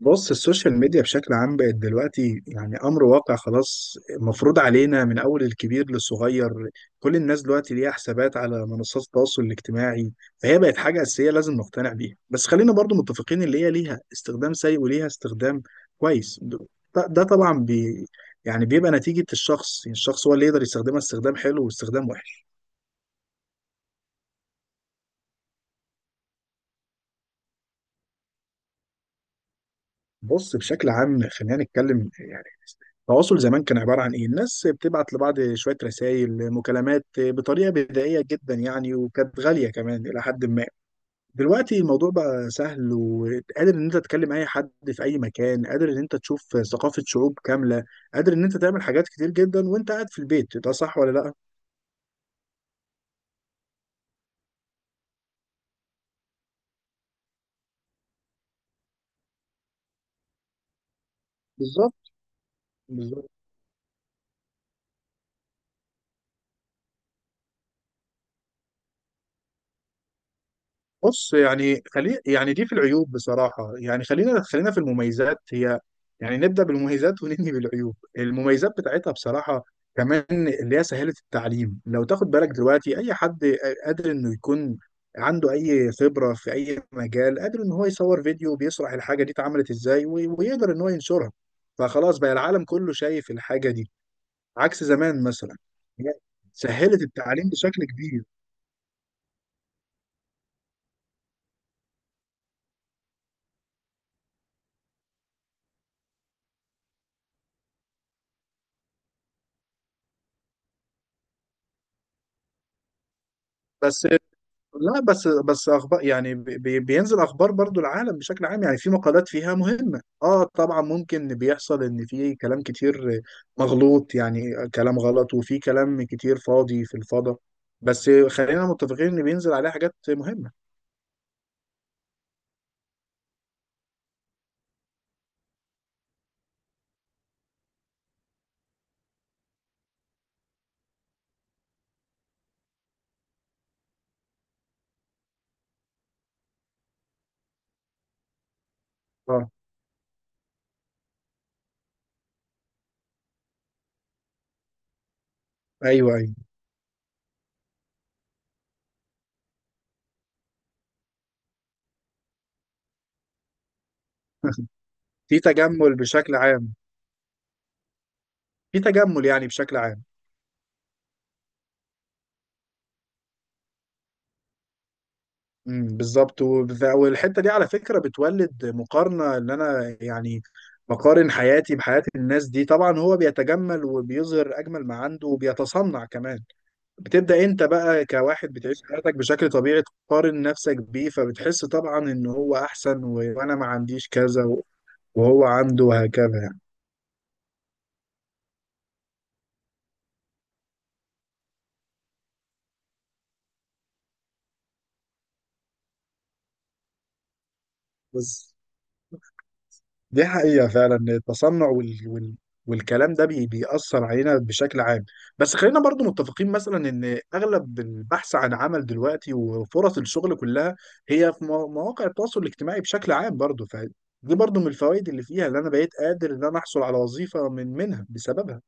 بص، السوشيال ميديا بشكل عام بقت دلوقتي يعني أمر واقع خلاص، مفروض علينا من أول الكبير للصغير. كل الناس دلوقتي ليها حسابات على منصات التواصل الاجتماعي، فهي بقت حاجة أساسية لازم نقتنع بيها. بس خلينا برضو متفقين اللي هي ليها استخدام سيء وليها استخدام كويس. ده ده طبعا بي يعني بيبقى نتيجة الشخص، يعني الشخص هو اللي يقدر يستخدمها استخدام حلو واستخدام وحش. بص بشكل عام خلينا نتكلم، يعني التواصل زمان كان عبارة عن إيه؟ الناس بتبعت لبعض شوية رسائل مكالمات بطريقة بدائية جدا يعني، وكانت غالية كمان إلى حد ما. دلوقتي الموضوع بقى سهل، وقادر إن أنت تكلم أي حد في أي مكان، قادر إن أنت تشوف ثقافة شعوب كاملة، قادر إن أنت تعمل حاجات كتير جدا وأنت قاعد في البيت. ده صح ولا لأ؟ بالظبط، بالظبط. بص يعني خلي يعني دي في العيوب بصراحة، يعني خلينا في المميزات. هي يعني نبدأ بالمميزات وننهي بالعيوب. المميزات بتاعتها بصراحة كمان اللي هي سهلة التعليم. لو تاخد بالك دلوقتي أي حد قادر إنه يكون عنده أي خبرة في أي مجال، قادر إن هو يصور فيديو بيشرح الحاجة دي اتعملت إزاي، ويقدر إن هو ينشرها. فخلاص بقى العالم كله شايف الحاجة دي، عكس زمان مثلا. هي سهلت التعليم بشكل كبير. بس لا، بس بس اخبار يعني بينزل اخبار برضو العالم بشكل عام. يعني في مقالات فيها مهمة، اه طبعا ممكن بيحصل ان في كلام كتير مغلوط، يعني كلام غلط، وفي كلام كتير فاضي في الفضاء. بس خلينا متفقين ان بينزل عليها حاجات مهمة. اه، ايوه ايوه. في تجمل بشكل عام. في تجمل يعني بشكل عام. بالظبط. والحته دي على فكره بتولد مقارنه ان انا يعني بقارن حياتي بحياه الناس دي. طبعا هو بيتجمل وبيظهر اجمل ما عنده وبيتصنع كمان. بتبدا انت بقى كواحد بتعيش حياتك بشكل طبيعي، تقارن نفسك بيه، فبتحس طبعا ان هو احسن وانا ما عنديش كذا وهو عنده، وهكذا يعني. بس دي حقيقة فعلا إن التصنع والكلام ده بيأثر علينا بشكل عام. بس خلينا برضو متفقين مثلا إن أغلب البحث عن عمل دلوقتي وفرص الشغل كلها هي في مواقع التواصل الاجتماعي بشكل عام برضو. فدي برضو من الفوائد اللي فيها، اللي أنا بقيت قادر إن أنا أحصل على وظيفة من منها بسببها.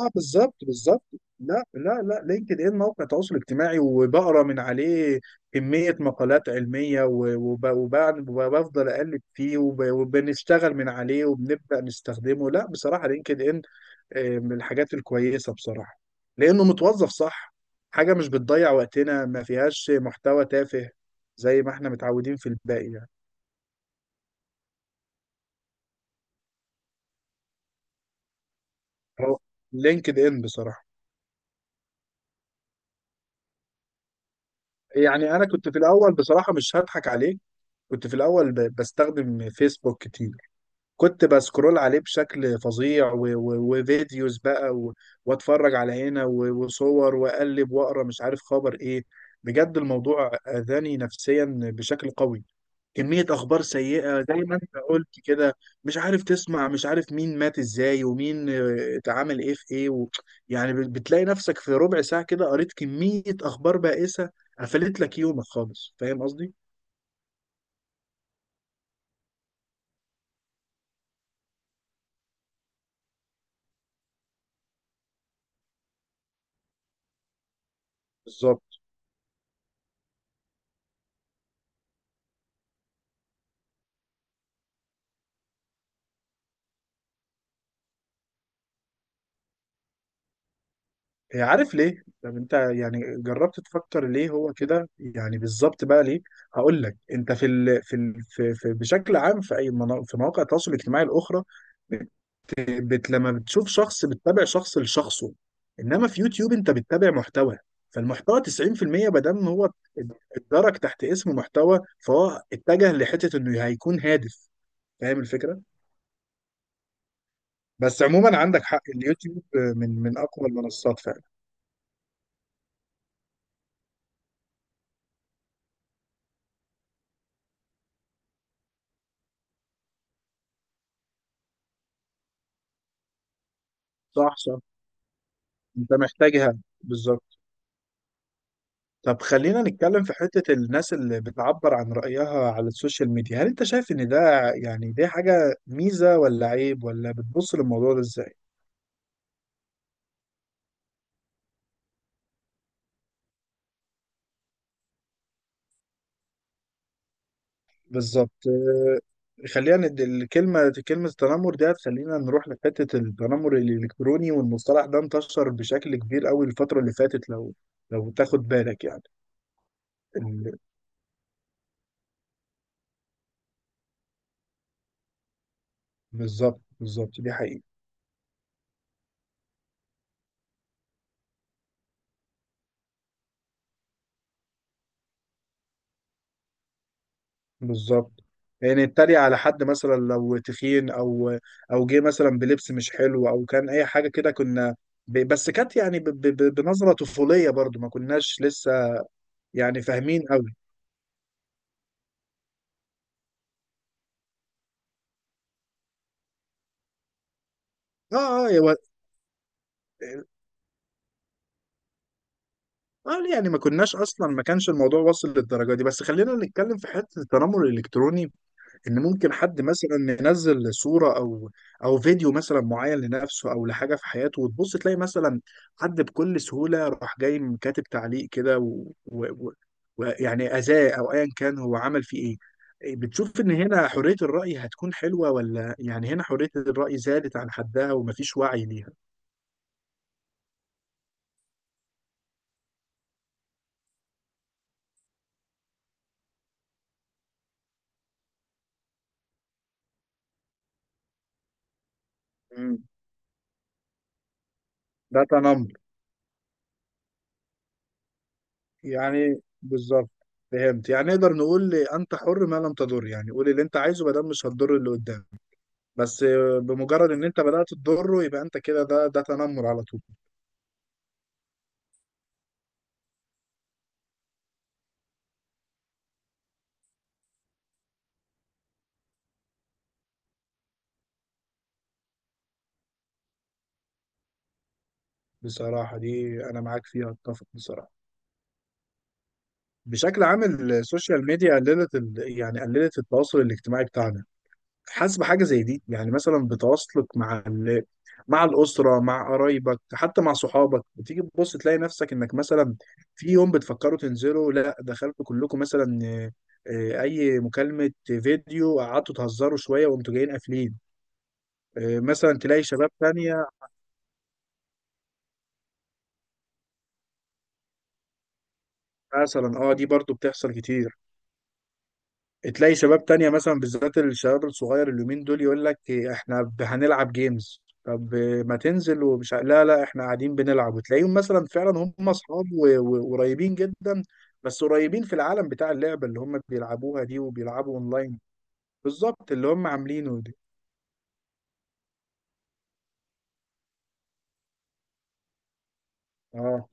اه بالظبط بالظبط. لا لا لا، لينكد ان موقع تواصل اجتماعي، وبقرا من عليه كمية مقالات علمية وبفضل اقلب فيه وبنشتغل من عليه وبنبدأ نستخدمه. لا بصراحة لينكد ان آه، من الحاجات الكويسة بصراحة، لانه متوظف صح. حاجة مش بتضيع وقتنا، ما فيهاش محتوى تافه زي ما احنا متعودين في الباقي يعني. هو لينكد ان بصراحة. يعني انا كنت في الاول، بصراحة مش هضحك عليك، كنت في الأول بستخدم فيسبوك كتير. كنت بسكرول عليه بشكل فظيع وفيديوز بقى واتفرج على هنا وصور، واقلب واقرا مش عارف خبر ايه. بجد الموضوع اذاني نفسيا بشكل قوي. كمية اخبار سيئة زي ما انت قلت كده، مش عارف تسمع مش عارف مين مات ازاي، ومين آه، اتعامل ايه في ايه يعني بتلاقي نفسك في ربع ساعة كده قريت كمية اخبار بائسة قفلت لك يومك خالص. فاهم قصدي؟ بالظبط. هي عارف ليه؟ طب انت يعني جربت تفكر ليه هو كده؟ يعني بالظبط بقى ليه؟ هقول لك. انت في في بشكل عام في في مواقع التواصل الاجتماعي الاخرى لما بتشوف شخص بتتابع شخص لشخصه، انما في يوتيوب انت بتتابع محتوى. فالمحتوى 90% ما دام هو اتدرج تحت اسم محتوى، فهو اتجه لحته انه هيكون هادف. فاهم الفكره؟ بس عموما عندك حق، اليوتيوب من اقوى المنصات فعلا. صح صح، انت محتاجها بالظبط. طب خلينا نتكلم في حتة الناس اللي بتعبر عن رأيها على السوشيال ميديا، هل انت شايف ان ده يعني دي حاجة ميزة ولا عيب؟ ولا بتبص للموضوع ده ازاي؟ بالظبط آه، خلينا الكلمة كلمة التنمر دي، خلينا نروح لحتة التنمر الإلكتروني، والمصطلح ده انتشر بشكل كبير قوي الفترة اللي فاتت لو لو تاخد بالك يعني. ال- بالظبط بالظبط، دي حقيقة. بالظبط، يعني اتريق على حد مثلا لو تخين، او او جه مثلا بلبس مش حلو، او كان اي حاجه كده، كنا بس كانت يعني بنظره طفوليه برضو، ما كناش لسه يعني فاهمين قوي. اه اه اه يعني ما كناش اصلا، ما كانش الموضوع واصل للدرجه دي. بس خلينا نتكلم في حته التنمر الالكتروني، ان ممكن حد مثلا ينزل صوره او او فيديو مثلا معين لنفسه، او لحاجه في حياته، وتبص تلاقي مثلا حد بكل سهوله راح جاي كاتب تعليق كده ويعني اذاه، او ايا كان هو عمل فيه. ايه بتشوف؟ ان هنا حريه الراي هتكون حلوه، ولا يعني هنا حريه الراي زادت عن حدها ومفيش وعي ليها؟ مم. ده تنمر، يعني بالظبط. فهمت؟ يعني نقدر نقول انت حر ما لم تضر، يعني قول اللي انت عايزه ما دام مش هتضر اللي قدامك. بس بمجرد ان انت بدأت تضره، يبقى انت كده ده ده تنمر على طول. بصراحة دي انا معاك فيها، اتفق بصراحة. بشكل عام السوشيال ميديا قللت يعني قللت التواصل الاجتماعي بتاعنا. حاسس بحاجة زي دي يعني، مثلا بتواصلك مع مع الأسرة، مع قرايبك، حتى مع صحابك. بتيجي تبص تلاقي نفسك انك مثلا في يوم بتفكروا تنزلوا لا، دخلتوا كلكم مثلا آه، آه، اي مكالمة فيديو، قعدتوا تهزروا شوية وانتوا جايين قافلين. آه، مثلا تلاقي شباب تانية. مثلا اه دي برضو بتحصل كتير، تلاقي شباب تانية مثلا، بالذات الشباب الصغير اليومين دول، يقول لك إيه، احنا هنلعب جيمز. طب ما تنزل؟ ومش لا لا احنا قاعدين بنلعب. وتلاقيهم مثلا فعلا هم اصحاب وقريبين جدا، بس قريبين في العالم بتاع اللعبة اللي هم بيلعبوها دي، وبيلعبوا اونلاين. بالظبط اللي هم عاملينه دي. اه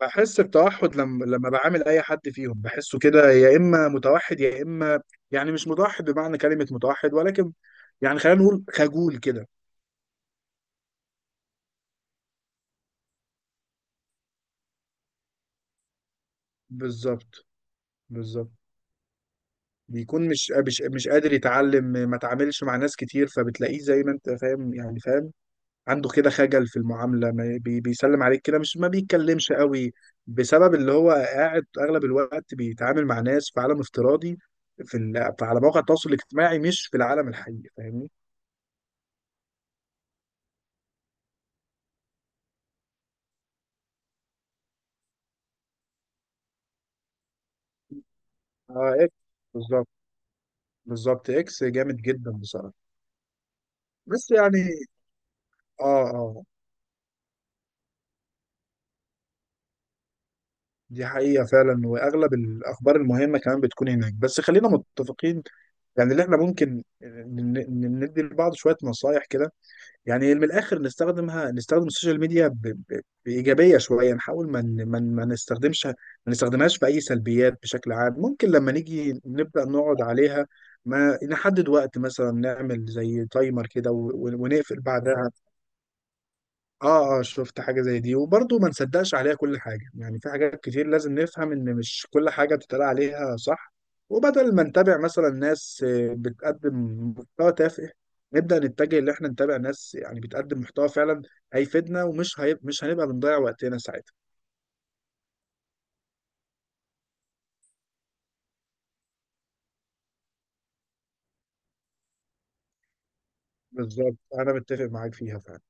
بحس بتوحد، لما بعامل اي حد فيهم بحسه كده، يا اما متوحد يا اما يعني مش متوحد بمعنى كلمة متوحد، ولكن يعني خلينا نقول خجول كده. بالظبط بالظبط. بيكون مش قادر يتعلم، ما تعاملش مع ناس كتير، فبتلاقيه زي ما انت فاهم يعني فاهم، عنده كده خجل في المعاملة، ما بي بيسلم عليك كده مش ما بيتكلمش قوي، بسبب اللي هو قاعد اغلب الوقت بيتعامل مع ناس في عالم افتراضي، على مواقع التواصل الاجتماعي مش في العالم الحقيقي. فاهمني؟ اه اكس، بالظبط بالظبط. اكس جامد جدا بصراحة. بس يعني اه اه دي حقيقة فعلا، وأغلب الأخبار المهمة كمان بتكون هناك. بس خلينا متفقين يعني، اللي احنا ممكن ندي لبعض شوية نصايح كده، يعني من الآخر نستخدمها، نستخدم السوشيال ميديا بإيجابية شوية، نحاول ما نستخدمش ما نستخدمهاش في أي سلبيات بشكل عام. ممكن لما نيجي نبدأ نقعد عليها ما نحدد وقت، مثلا نعمل زي تايمر كده ونقفل بعدها. اه اه شفت حاجة زي دي. وبرضه ما نصدقش عليها كل حاجة، يعني في حاجات كتير لازم نفهم ان مش كل حاجة بتتقال عليها صح. وبدل ما نتابع مثلا ناس آه، بتقدم محتوى تافه، نبدأ نتجه ان احنا نتابع ناس يعني بتقدم محتوى فعلا هيفيدنا، ومش مش هنبقى بنضيع وقتنا ساعتها. بالظبط انا متفق معاك فيها فعلا.